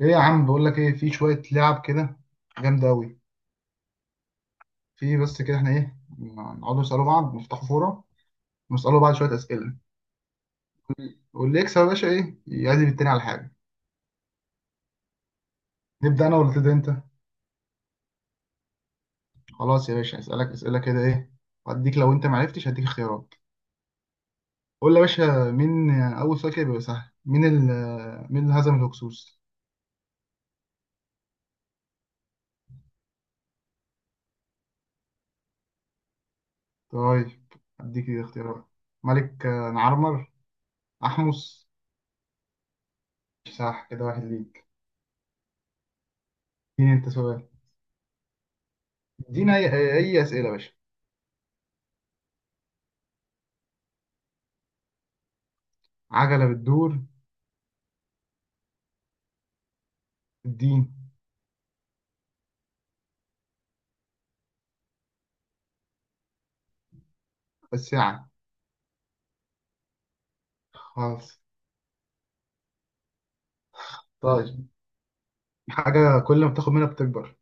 ايه يا عم، بقول لك ايه، في شويه لعب كده جامده قوي. في بس كده، احنا ايه، نقعدوا نسالوا بعض، نفتحوا فوره ونسالوا بعض شويه اسئله، واللي يكسب يا باشا ايه يعزم التاني على حاجه. نبدا انا ولا تبدا انت؟ خلاص يا باشا، اسالك اسئله كده ايه، واديك لو انت ما عرفتش هديك اختيارات. قول لي يا باشا مين اول سؤال كده بيبقى سهل. مين اللي هزم الهكسوس؟ طيب اديك اختيارات. ملك نعرمر، احمس. صح، كده واحد ليك. اديني انت سؤال. ادينا اي اسئله يا باشا. عجله بتدور، الدين، الساعة. خلاص. طيب. حاجة كل ما بتاخد منها بتكبر.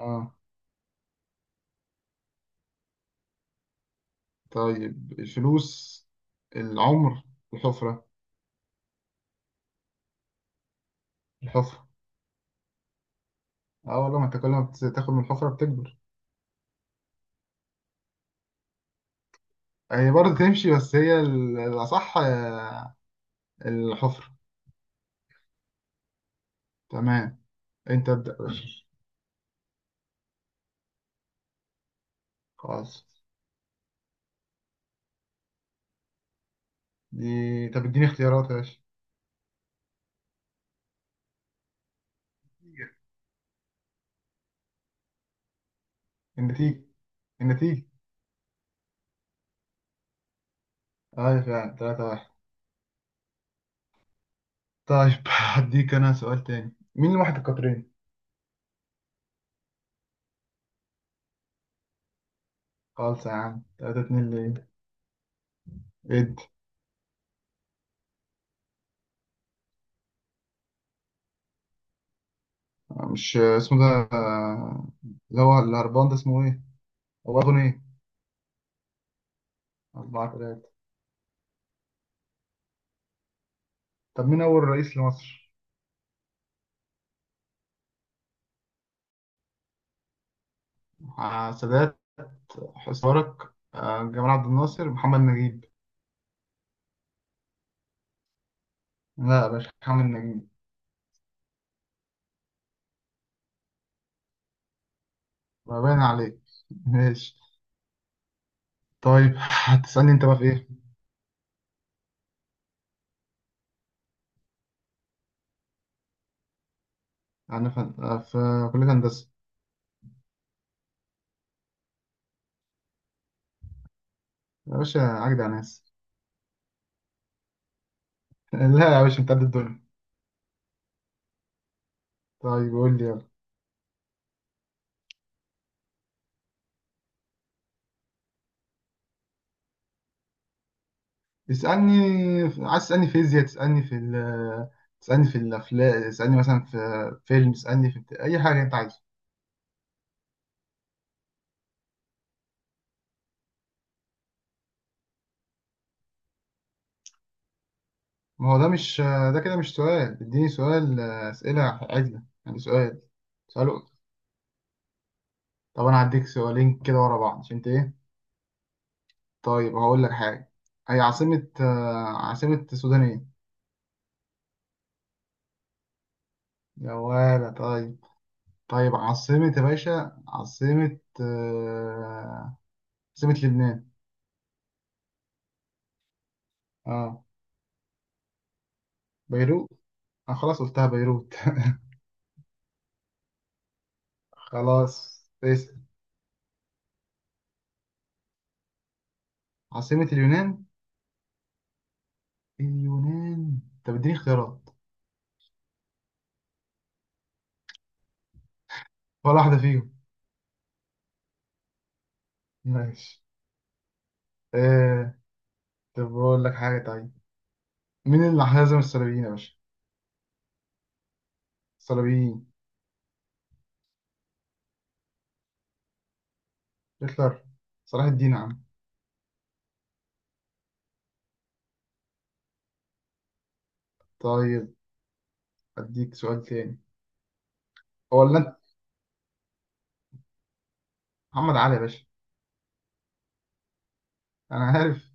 اه، طيب. الفلوس، العمر، الحفرة. الحفرة. اه والله، ما انت كل ما بتاخد من الحفرة بتكبر. هي برضه تمشي، بس هي الأصح الحفرة. تمام، انت ابدأ يا باشا. خلاص، دي طب اديني اختيارات يا باشا. النتيجة. النتيجة. ايوه فعلا، تلاتة واحد. طيب. هديك انا سؤال تاني، مين اللي واحد القطرين؟ خالص يا عم، تلاتة اتنين ليه؟ ادي. مش اسمه ده، آه، اللي هو الهربان ده اسمه ايه؟ هو اغنى ايه؟ أربعة تلاتة. طب مين أول رئيس لمصر؟ سادات، حسني مبارك، جمال عبد الناصر، محمد نجيب. لا يا باشا، محمد نجيب. ما باين عليك. ماشي. طيب هتسألني أنت بقى في إيه؟ أنا في في كلية هندسة. يا باشا عجدة يا ناس. لا يا باشا، أنت قد الدنيا. طيب قول لي، يلا. اسألني. عايز تسألني فيزياء، تسألني في تسألني في الأفلام، تسألني مثلا في فيلم، تسألني في أي حاجة أنت عايزها. ما هو ده مش، ده كده مش سؤال. اديني سؤال، أسئلة عدلة يعني، سؤال سؤال. طب أنا هديك سؤالين كده ورا بعض عشان أنت إيه. طيب هقول لك حاجة. هي عاصمة عاصمة السودان إيه؟ يا ولا. طيب طيب، عاصمة يا باشا، عاصمة عاصمة لبنان. اه. بيروت. أنا خلاص قلتها، بيروت. خلاص اسأل. عاصمة اليونان؟ اليونان، طب اديني اختيارات. ولا واحدة فيهم. ماشي. آه... طب بقول لك حاجة طيب، مين اللي هزم الصليبيين يا باشا؟ الصليبيين؟ هتلر؟ صلاح الدين يا عم. طيب، اديك سؤال تاني. هو ولا انت؟ محمد علي يا باشا. انا عارف.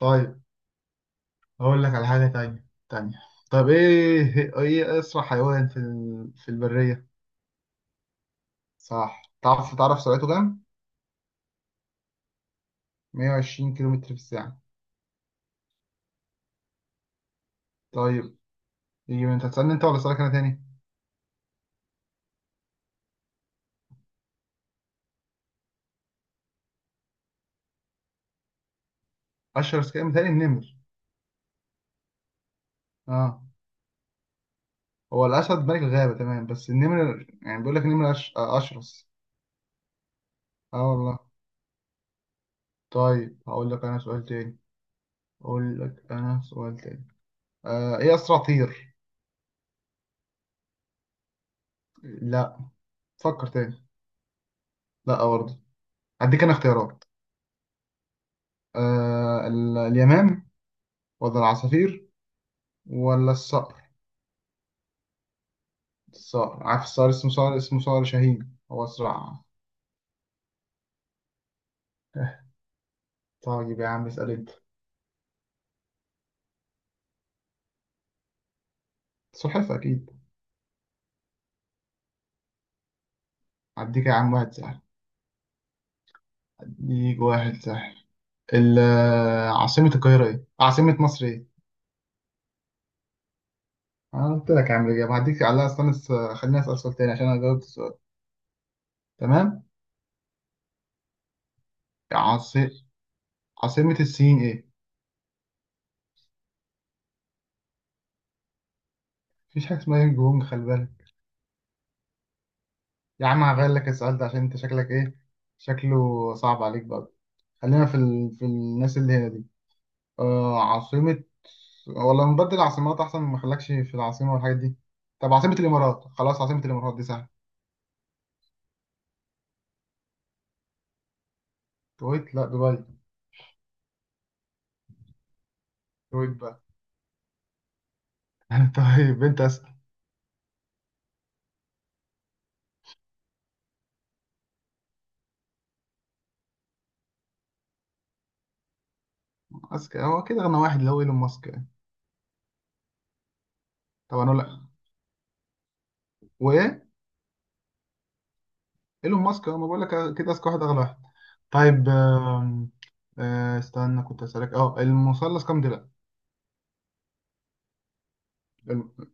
طيب هقول لك على حاجة تانية. طب ايه، ايه، إيه، اسرع حيوان في في البرية؟ صح. تعرف سرعته كام؟ 120 كيلومتر في الساعة. طيب. يجي من، انت هتسألني انت ولا اسألك انا تاني؟ اشهر سكان، متهيألي النمر. اه. هو الاسد ملك الغابه تمام، بس النمر يعني، بيقول لك النمر أش... آه، اشرس. اه والله. طيب هقول لك انا سؤال تاني. اقول لك انا سؤال تاني. آه، ايه اسرع طير؟ لا. فكر تاني. لا برضه. هديك انا اختيارات. اليمام، ولا العصافير، ولا الصقر. الصقر. عارف الصقر، اسمه صقر، اسمه صقر شاهين، هو اسرع. طيب يا عم اسال انت. سلحفاه اكيد. هديك يا عم واحد سهل. هديك واحد سهل. ال- عاصمة القاهرة ايه؟ عاصمة مصر ايه؟ انا قلت لك يا عم الاجابة، هديك عليها. استنى خليني اسأل سؤال تاني عشان انا جاوبت السؤال. تمام؟ عاص... عاصمة الصين ايه؟ مفيش حاجة اسمها يونج بونج، خلي بالك. يا عم هغير لك السؤال ده، عشان انت شكلك ايه؟ شكله صعب عليك بقى. خلينا في في الناس اللي هنا دي. آه، عاصمة، ولا نبدل عاصمات احسن ما نخليكش في العاصمة والحاجات دي. طب عاصمة الامارات، خلاص، عاصمة الامارات دي سهلة. كويت، لا دبي. كويت بقى. طيب انت. ماسك، هو كده اغنى واحد، اللي هو ايلون ماسك يعني. طبعا لا. وايه. ايلون ماسك، انا بقول لك كده اذكى واحد، اغلى واحد. طيب آم، آه، استنى، كنت اسالك، اه المثلث كام ضلع؟ الم-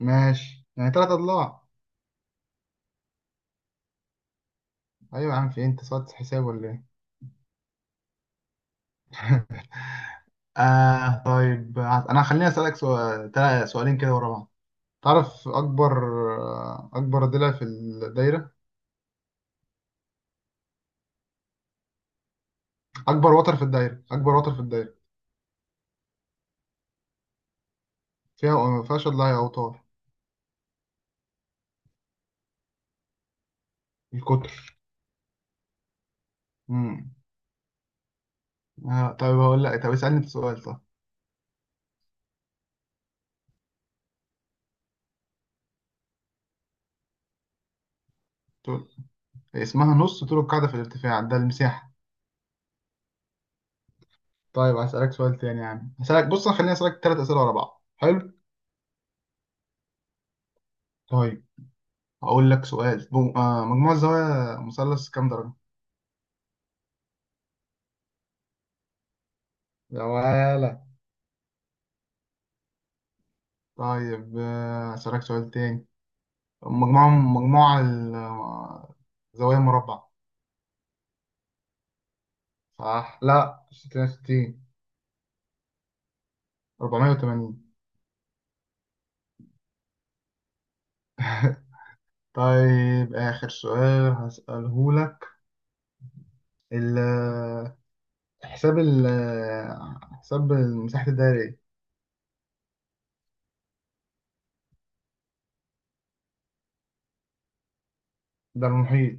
ماشي، يعني ثلاث اضلاع. ايوه يا عم، في إيه؟ انت صوت حساب ولا ايه؟ آه طيب، انا خليني اسالك سؤال سؤالين كده ورا بعض. تعرف اكبر، اكبر ضلع في الدايره، اكبر وتر في الدايره، اكبر وتر في الدايره؟ فيها ما فيهاش اضلاع يا اوتار. القطر. آه طيب هقول لك، طب اسألني انت سؤال، طب. طول. اسمها نص طول القاعدة في الارتفاع، ده المساحة. طيب هسألك سؤال تاني يا عم، هسألك، بص خليني أسألك تلات أسئلة ورا بعض، حلو. طيب. هقول لك سؤال بو... آه مجموع الزوايا مثلث كام درجة؟ يا ولا. طيب، آه هسألك سؤال تاني. مجموع زوايا مربع. صح، لا 66. 480. طيب آخر سؤال هسأله لك. حساب ال حساب مساحة الدايرة ايه؟ ده المحيط.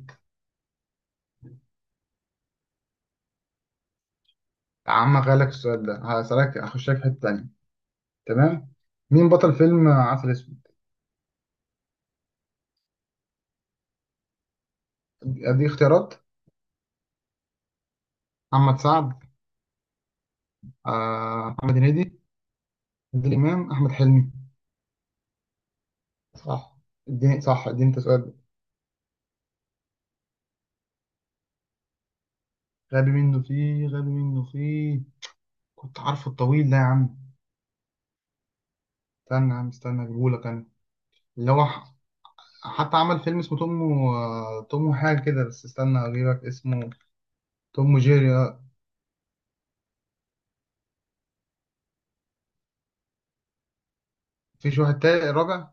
يا عم هغيرلك السؤال ده، هسألك، هخشك في حتة تانية. تمام. مين بطل فيلم عسل اسود؟ ادي اختيارات. محمد سعد، محمد هنيدي، عادل امام، احمد حلمي. صح. اديني صح، اديني انت سؤال. غبي منه فيه. غبي منه فيه، كنت عارفه الطويل ده يا عم. استنى يا عم، استنى اجيبهولك انا. اللي هو حتى عمل فيلم اسمه توم وحاجة كده، بس استنى اجيبك اسمه. توم وجيري. آه. فيش واحد تاني رابع.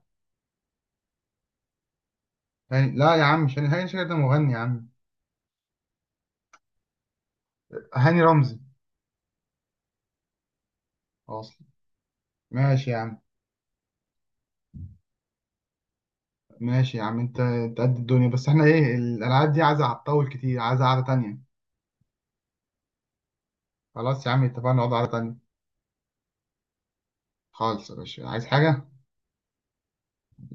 هاني، لا يا عم مش هاني، هاني شاكر ده مغني يا عم. هاني رمزي. اصلا. ماشي يا عم. ماشي يا عم. انت، انت قد الدنيا، بس احنا ايه، الالعاب دي عايزه، هتطول كتير، عايزه قعده تانية. خلاص يا عم، اتفقنا نقعد قعده تانية. خالص يا باشا، عايز حاجه؟